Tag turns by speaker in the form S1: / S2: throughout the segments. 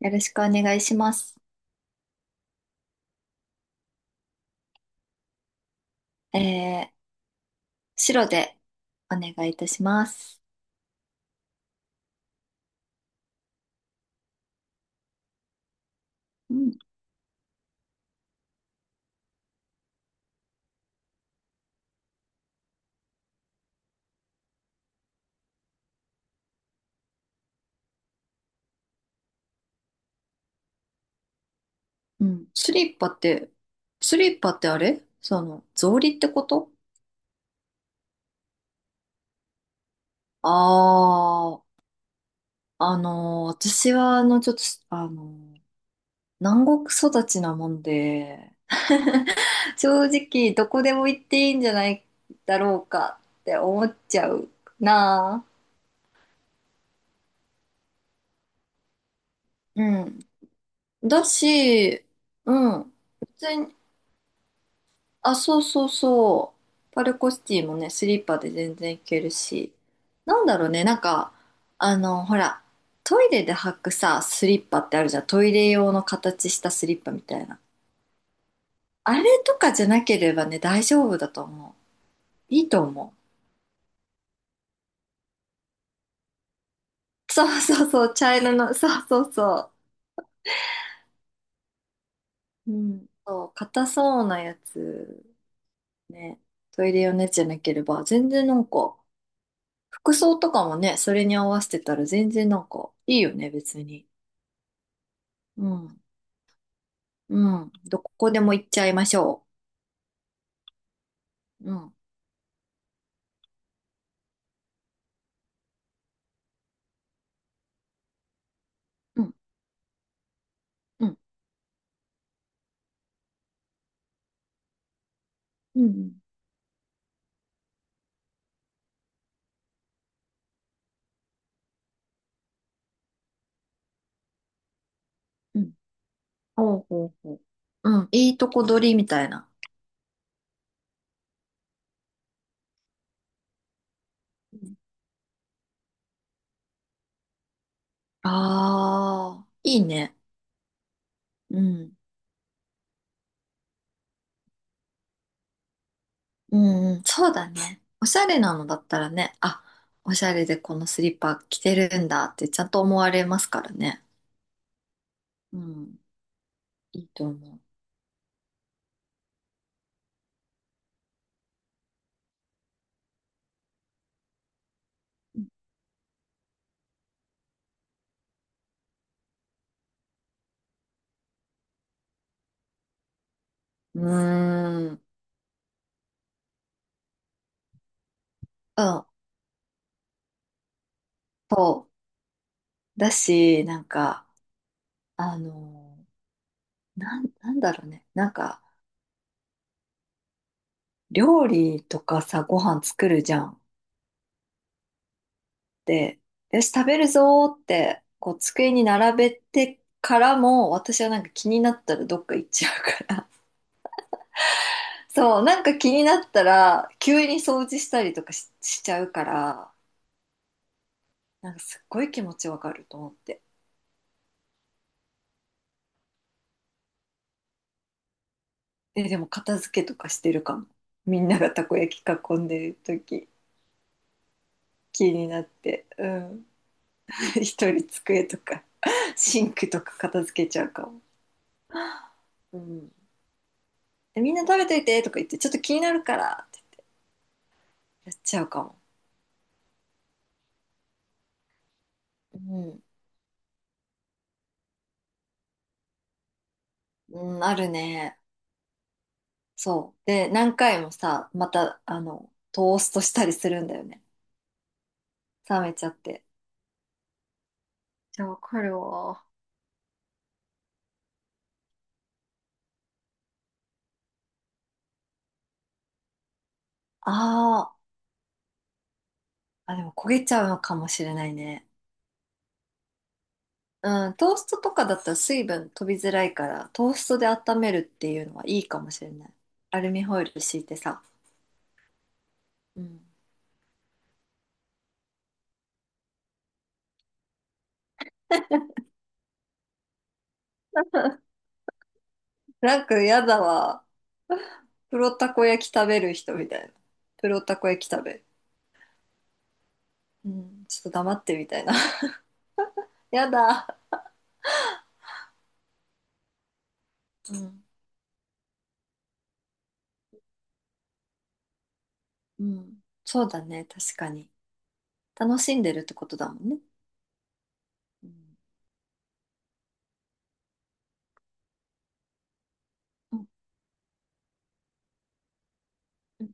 S1: よろしくお願いします。えー、白でお願いいたします。うん、うん。スリッパってあれその、草履ってこと。ああ私は、あの、ちょっと、あのー南国育ちなもんで、正直、どこでも行っていいんじゃないだろうかって思っちゃうなあ。うん。だし、うん。別、あ、そうそうそう。パルコシティもね、スリッパで全然行けるし。なんだろうね、あの、ほら、トイレで履くさ、スリッパってあるじゃん。トイレ用の形したスリッパみたいな。あれとかじゃなければね、大丈夫だと思う。いいと思う。そうそうそう、茶色の、そうそうそう。うん。そう、硬そうなやつ、ね。トイレ用のやつじゃなければ、全然なんか、服装とかもね、それに合わせてたら全然なんか、いいよね、別に。うん。うん。どこでも行っちゃいましょう。うん。うん。うん。うん。うん。ほうほうほう。うん。いいとこ取りみたいな。ああー、いいね。うん。うんうん。そうだね。おしゃれなのだったらね、あ、おしゃれでこのスリッパ着てるんだってちゃんと思われますからね。うん。いいと思う。うーん。うん。そう。だし、あのなん、なんだろうね。なんか、料理とかさ、ご飯作るじゃん。で、よし、食べるぞーって、こう、机に並べてからも、私はなんか気になったらどっか行っちゃうから。そう、なんか気になったら、急に掃除したりとかし、しちゃうから、なんかすっごい気持ちわかると思って。え、でも片付けとかしてるかも。みんながたこ焼き囲んでる時、気になって、うん。一人机とか、シンクとか片付けちゃうかも。うん。みんな食べといてとか言って、ちょっと気になるからってやっちゃうかも。うん。うん、あるね。そう。で、何回もさ、また、トーストしたりするんだよね。冷めちゃって。じゃあわかるわ。あでも焦げちゃうのかもしれないね。うん、トーストとかだったら水分飛びづらいから、トーストで温めるっていうのはいいかもしれない。アルミホイル敷いてさ。うん。なんかやだわ。プロたこ焼き食べる人みたいな。プロたこ焼き食べる。うん、ちょっと黙ってみたいな。やだ。うん、うん。そうだね、確かに。楽しんでるってことだもんね。うん。うんう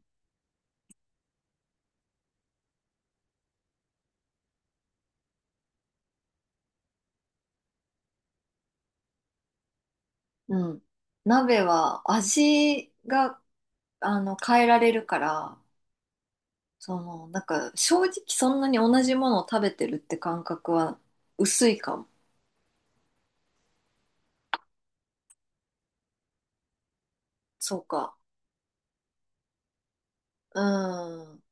S1: んうん。鍋は味が、あの、変えられるから、その、なんか、正直そんなに同じものを食べてるって感覚は薄いかも。そうか。うん。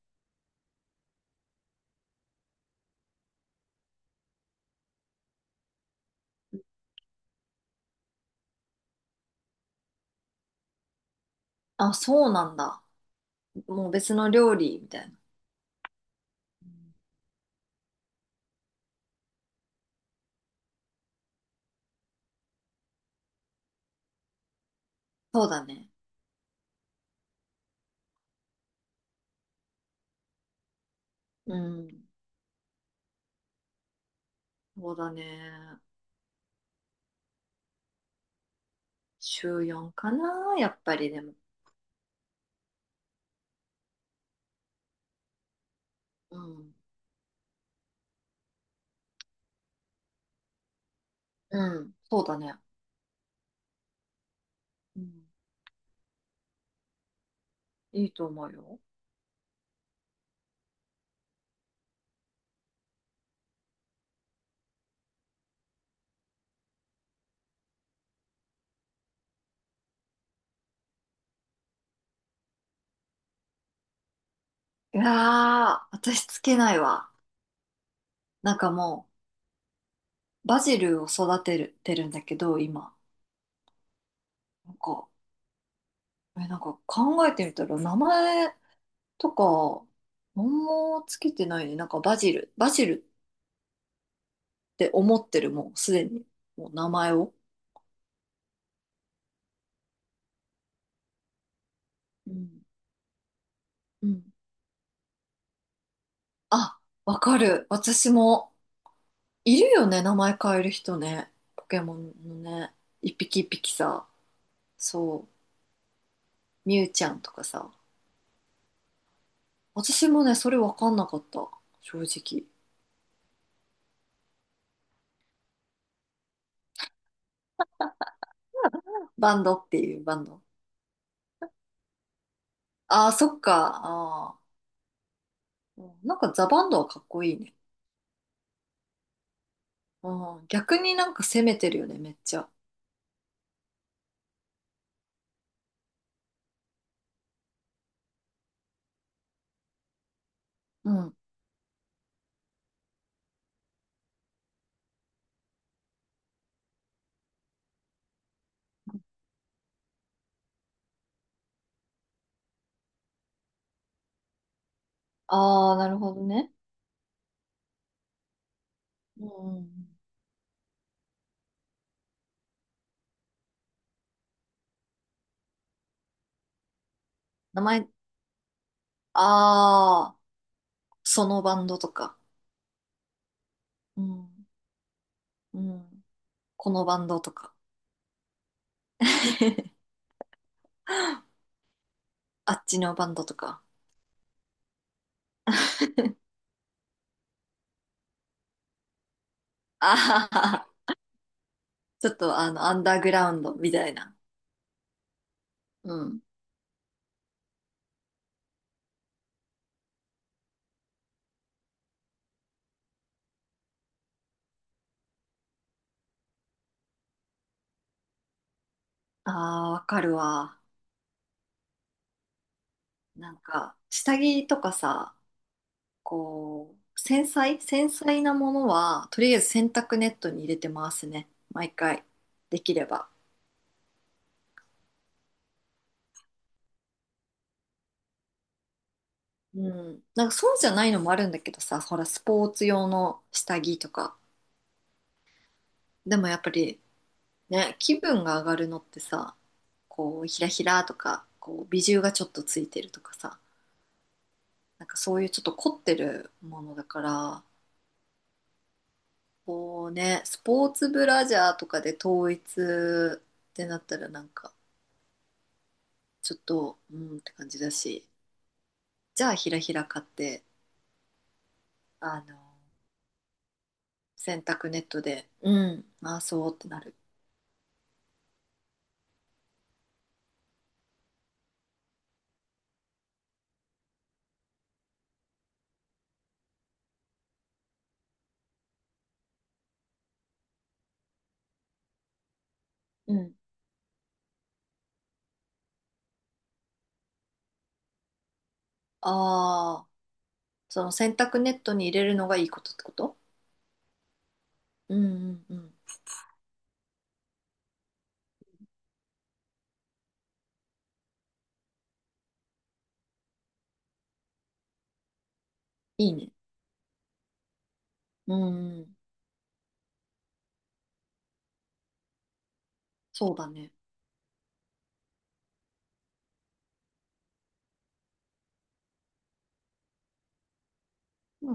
S1: あ、そうなんだ。もう別の料理みたいな。うん、そうだね。うん。そうだね。週4かな、やっぱりでも。うん。うん、そうだね。うん。いいと思うよ。いやー、私つけないわ。なんかもう、バジルを育てる、てるんだけど、今。なんか、え、なんか考えてみたら、名前とか、何もつけてないね。なんかバジル、バジルって思ってる、もうすでに。もう名前を。うん。うん。あ、わかる。私も、いるよね、名前変える人ね。ポケモンのね。一匹一匹さ。そう。みゆちゃんとかさ。私もね、それわかんなかった。正直。バンドっていうバンド。ああ、そっか。ああ。うん、なんかザ・バンドはかっこいいね。うん。逆になんか攻めてるよね、めっちゃ。うん。ああ、なるほどね。うん。名前、ああ、そのバンドとか。うん。うん。このバンドとか。あっちのバンドとか。ああ、ちょっとあの、アンダーグラウンドみたいな。うん。ああ、わかるわ。なんか、下着とかさ、こう、繊細、繊細なものは、とりあえず洗濯ネットに入れてますね。毎回。できれば。うん。なんかそうじゃないのもあるんだけどさ、ほら、スポーツ用の下着とか。でもやっぱり、ね、気分が上がるのってさ、こう、ひらひらとか、こう、ビジュがちょっとついてるとかさ、なんかそういうちょっと凝ってるものだから、こうね、スポーツブラジャーとかで統一ってなったらなんか、ちょっとうんって感じだし、じゃあひらひら買って、あの、洗濯ネットでうん回そうってなる。うん。ああ、その洗濯ネットに入れるのがいいことってこと。うんうんうん、いいね、うんうん。そうだねん